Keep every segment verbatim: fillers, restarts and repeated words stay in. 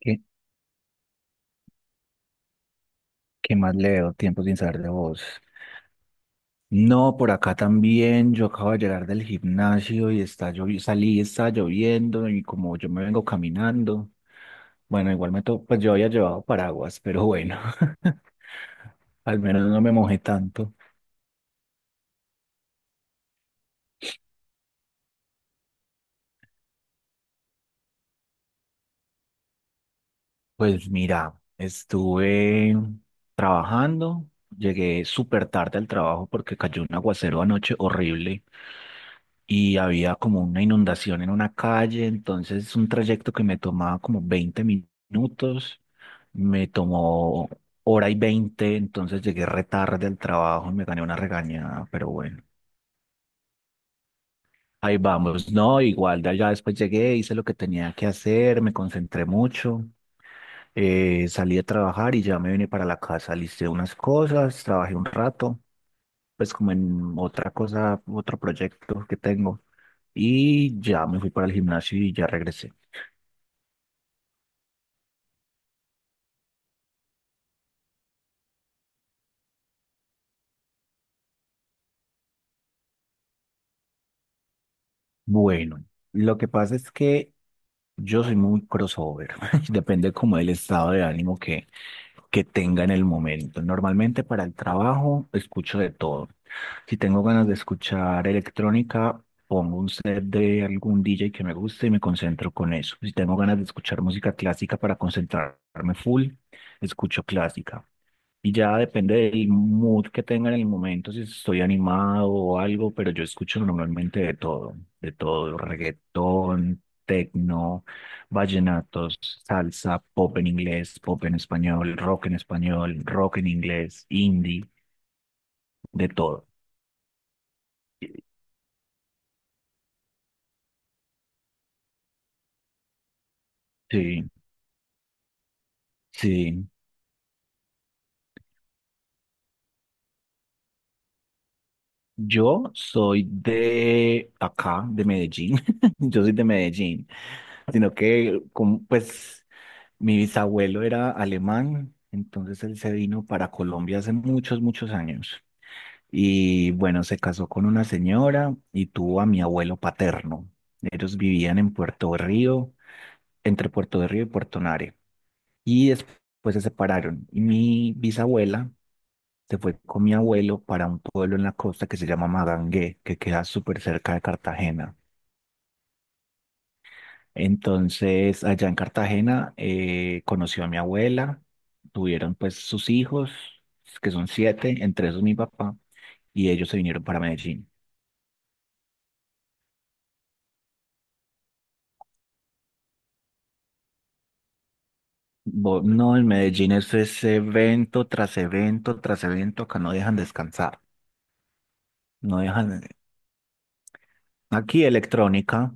¿Qué, qué más leo? Tiempo sin saber de vos. No, por acá también. Yo acabo de llegar del gimnasio y está lloviendo, salí, está lloviendo y como yo me vengo caminando, bueno, igual me to pues yo había llevado paraguas, pero bueno, al menos no me mojé tanto. Pues mira, estuve trabajando, llegué súper tarde al trabajo porque cayó un aguacero anoche horrible, y había como una inundación en una calle, entonces un trayecto que me tomaba como veinte minutos, me tomó hora y veinte, entonces llegué re tarde al trabajo y me gané una regañada, pero bueno. Ahí vamos, no, igual, ya, ya después llegué, hice lo que tenía que hacer, me concentré mucho, eh, salí a trabajar y ya me vine para la casa, listé unas cosas, trabajé un rato, pues como en otra cosa, otro proyecto que tengo, y ya me fui para el gimnasio y ya regresé. Bueno, lo que pasa es que yo soy muy crossover, depende como del estado de ánimo que, que tenga en el momento. Normalmente para el trabajo escucho de todo. Si tengo ganas de escuchar electrónica, pongo un set de algún D J que me guste y me concentro con eso. Si tengo ganas de escuchar música clásica para concentrarme full, escucho clásica. Y ya depende del mood que tenga en el momento, si estoy animado o algo, pero yo escucho normalmente de todo, de todo, reggaetón, tecno, vallenatos, salsa, pop en inglés, pop en español, rock en español, rock en inglés, indie, de todo. Sí, sí. Yo soy de acá, de Medellín. Yo soy de Medellín. Sino que, como, pues, mi bisabuelo era alemán, entonces él se vino para Colombia hace muchos, muchos años. Y bueno, se casó con una señora y tuvo a mi abuelo paterno. Ellos vivían en Puerto de Río, entre Puerto de Río y Puerto Nare. Y después se separaron. Y mi bisabuela se fue con mi abuelo para un pueblo en la costa que se llama Magangué, que queda súper cerca de Cartagena. Entonces, allá en Cartagena eh, conoció a mi abuela, tuvieron pues sus hijos, que son siete, entre esos mi papá, y ellos se vinieron para Medellín. Bo- No, en Medellín eso es evento tras evento tras evento, acá no dejan descansar, no dejan... Aquí electrónica.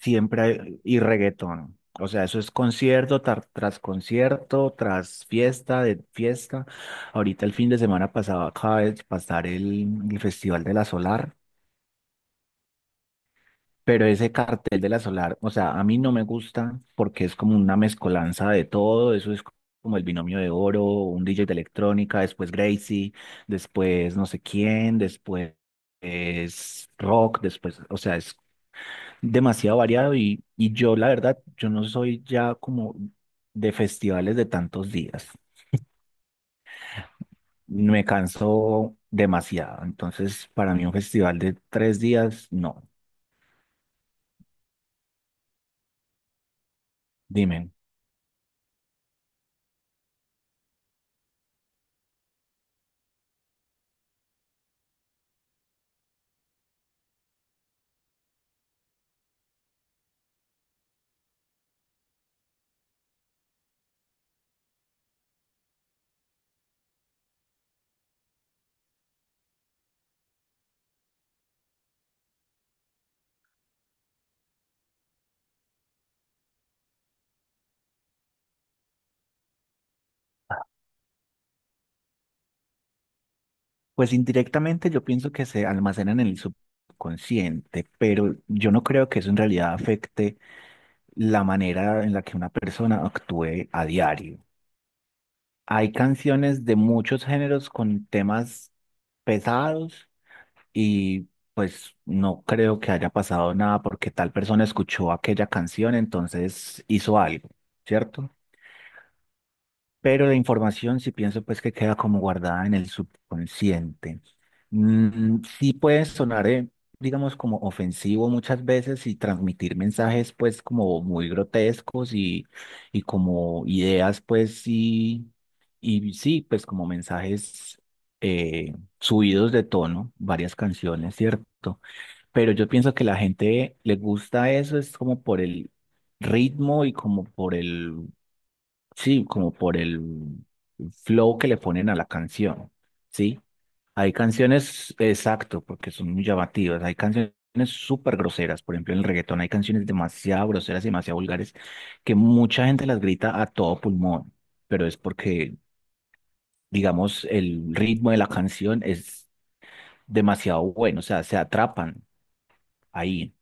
Siempre hay, y reggaetón. O sea, eso es concierto tar- tras concierto, tras fiesta de fiesta. Ahorita el fin de semana pasado acaba de pasar el, el Festival de la Solar, pero ese cartel de la Solar, o sea, a mí no me gusta porque es como una mezcolanza de todo. Eso es como el binomio de oro, un D J de electrónica, después Gracie, después no sé quién, después es rock, después, o sea, es demasiado variado y, y yo la verdad, yo no soy ya como de festivales de tantos días. Me canso demasiado. Entonces, para mí un festival de tres días, no. Dime. Pues indirectamente yo pienso que se almacenan en el subconsciente, pero yo no creo que eso en realidad afecte la manera en la que una persona actúe a diario. Hay canciones de muchos géneros con temas pesados y pues no creo que haya pasado nada porque tal persona escuchó aquella canción, entonces hizo algo, ¿cierto? Pero la información sí pienso pues que queda como guardada en el subconsciente. Mm, sí puede sonar, eh, digamos, como ofensivo muchas veces y transmitir mensajes pues como muy grotescos y, y como ideas pues sí, y sí, pues como mensajes eh, subidos de tono, varias canciones, ¿cierto? Pero yo pienso que la gente le gusta eso, es como por el ritmo y como por el, sí, como por el flow que le ponen a la canción, ¿sí? Hay canciones, exacto, porque son muy llamativas, hay canciones súper groseras, por ejemplo, en el reggaetón hay canciones demasiado groseras y demasiado vulgares que mucha gente las grita a todo pulmón, pero es porque, digamos, el ritmo de la canción es demasiado bueno, o sea, se atrapan ahí.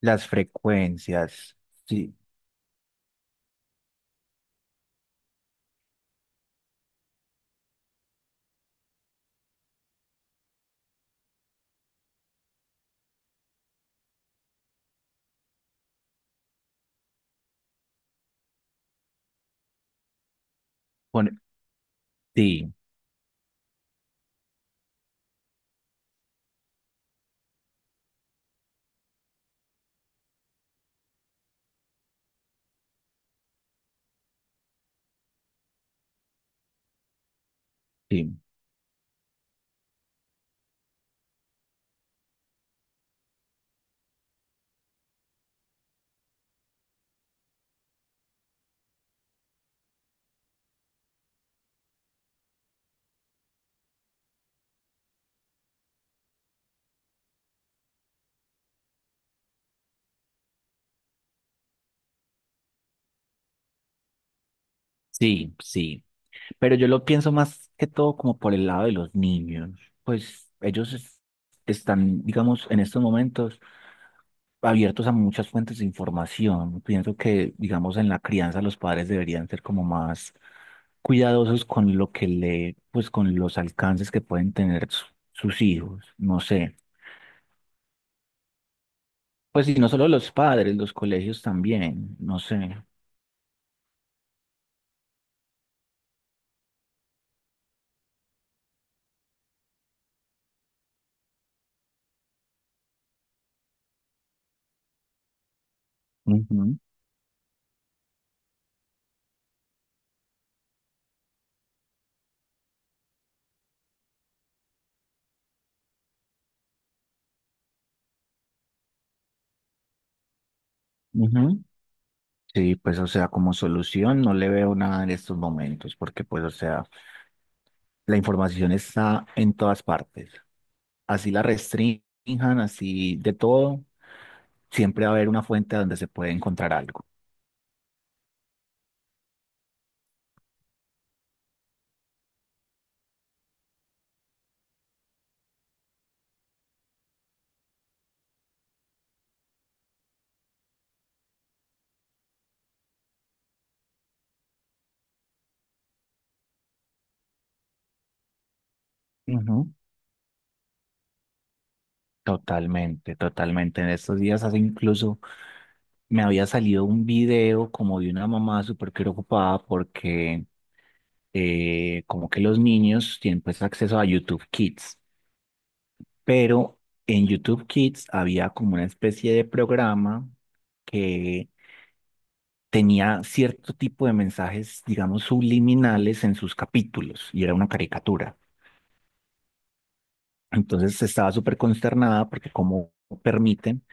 Las frecuencias, sí, pone- sí, sí, sí, sí. Pero yo lo pienso más que todo como por el lado de los niños. Pues ellos es- están, digamos, en estos momentos abiertos a muchas fuentes de información. Pienso que, digamos, en la crianza los padres deberían ser como más cuidadosos con lo que le, pues con los alcances que pueden tener su- sus hijos. No sé. Pues y no solo los padres, los colegios también. No sé. Ujú. Sí, pues o sea, como solución no le veo nada en estos momentos, porque pues o sea, la información está en todas partes. Así la restrinjan, así de todo, siempre va a haber una fuente donde se puede encontrar algo. Ujú. Totalmente, totalmente. En estos días hace incluso me había salido un video como de una mamá súper preocupada porque eh, como que los niños tienen pues acceso a YouTube Kids. Pero en YouTube Kids había como una especie de programa que tenía cierto tipo de mensajes, digamos, subliminales en sus capítulos y era una caricatura. Entonces estaba súper consternada porque como permiten,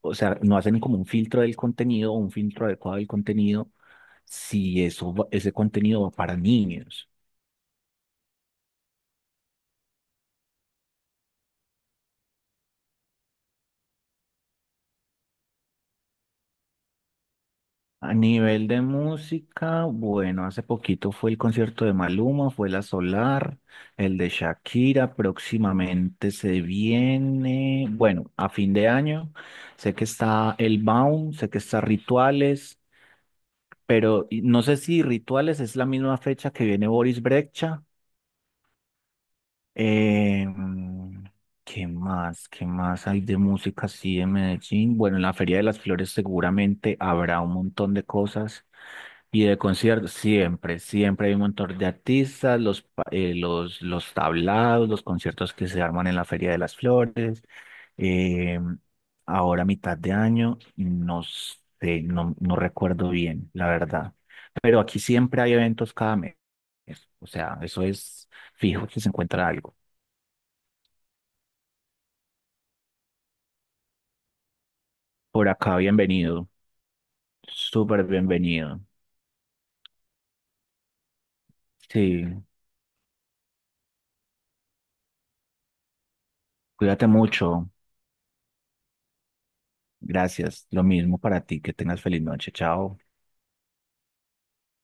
o sea, no hacen como un filtro del contenido, un filtro adecuado del contenido, si eso, va- ese contenido va para niños. A nivel de música, bueno, hace poquito fue el concierto de Maluma, fue la Solar, el de Shakira, próximamente se viene, bueno, a fin de año, sé que está el Baum, sé que está Rituales, pero y- no sé si Rituales es la misma fecha que viene Boris Brejcha. Eh, mm, ¿qué más? ¿Qué más hay de música así en Medellín? Bueno, en la Feria de las Flores seguramente habrá un montón de cosas. Y de conciertos, siempre, siempre hay un montón de artistas, los, pa- eh, los, los tablados, los conciertos que se arman en la Feria de las Flores. eh, ahora, a mitad de año, no sé, no, no recuerdo bien, la verdad. Pero aquí siempre hay eventos cada mes. O sea, eso es fijo que se encuentra algo. Por acá, bienvenido, súper bienvenido. Sí, cuídate mucho. Gracias. Lo mismo para ti, que tengas feliz noche. Chao.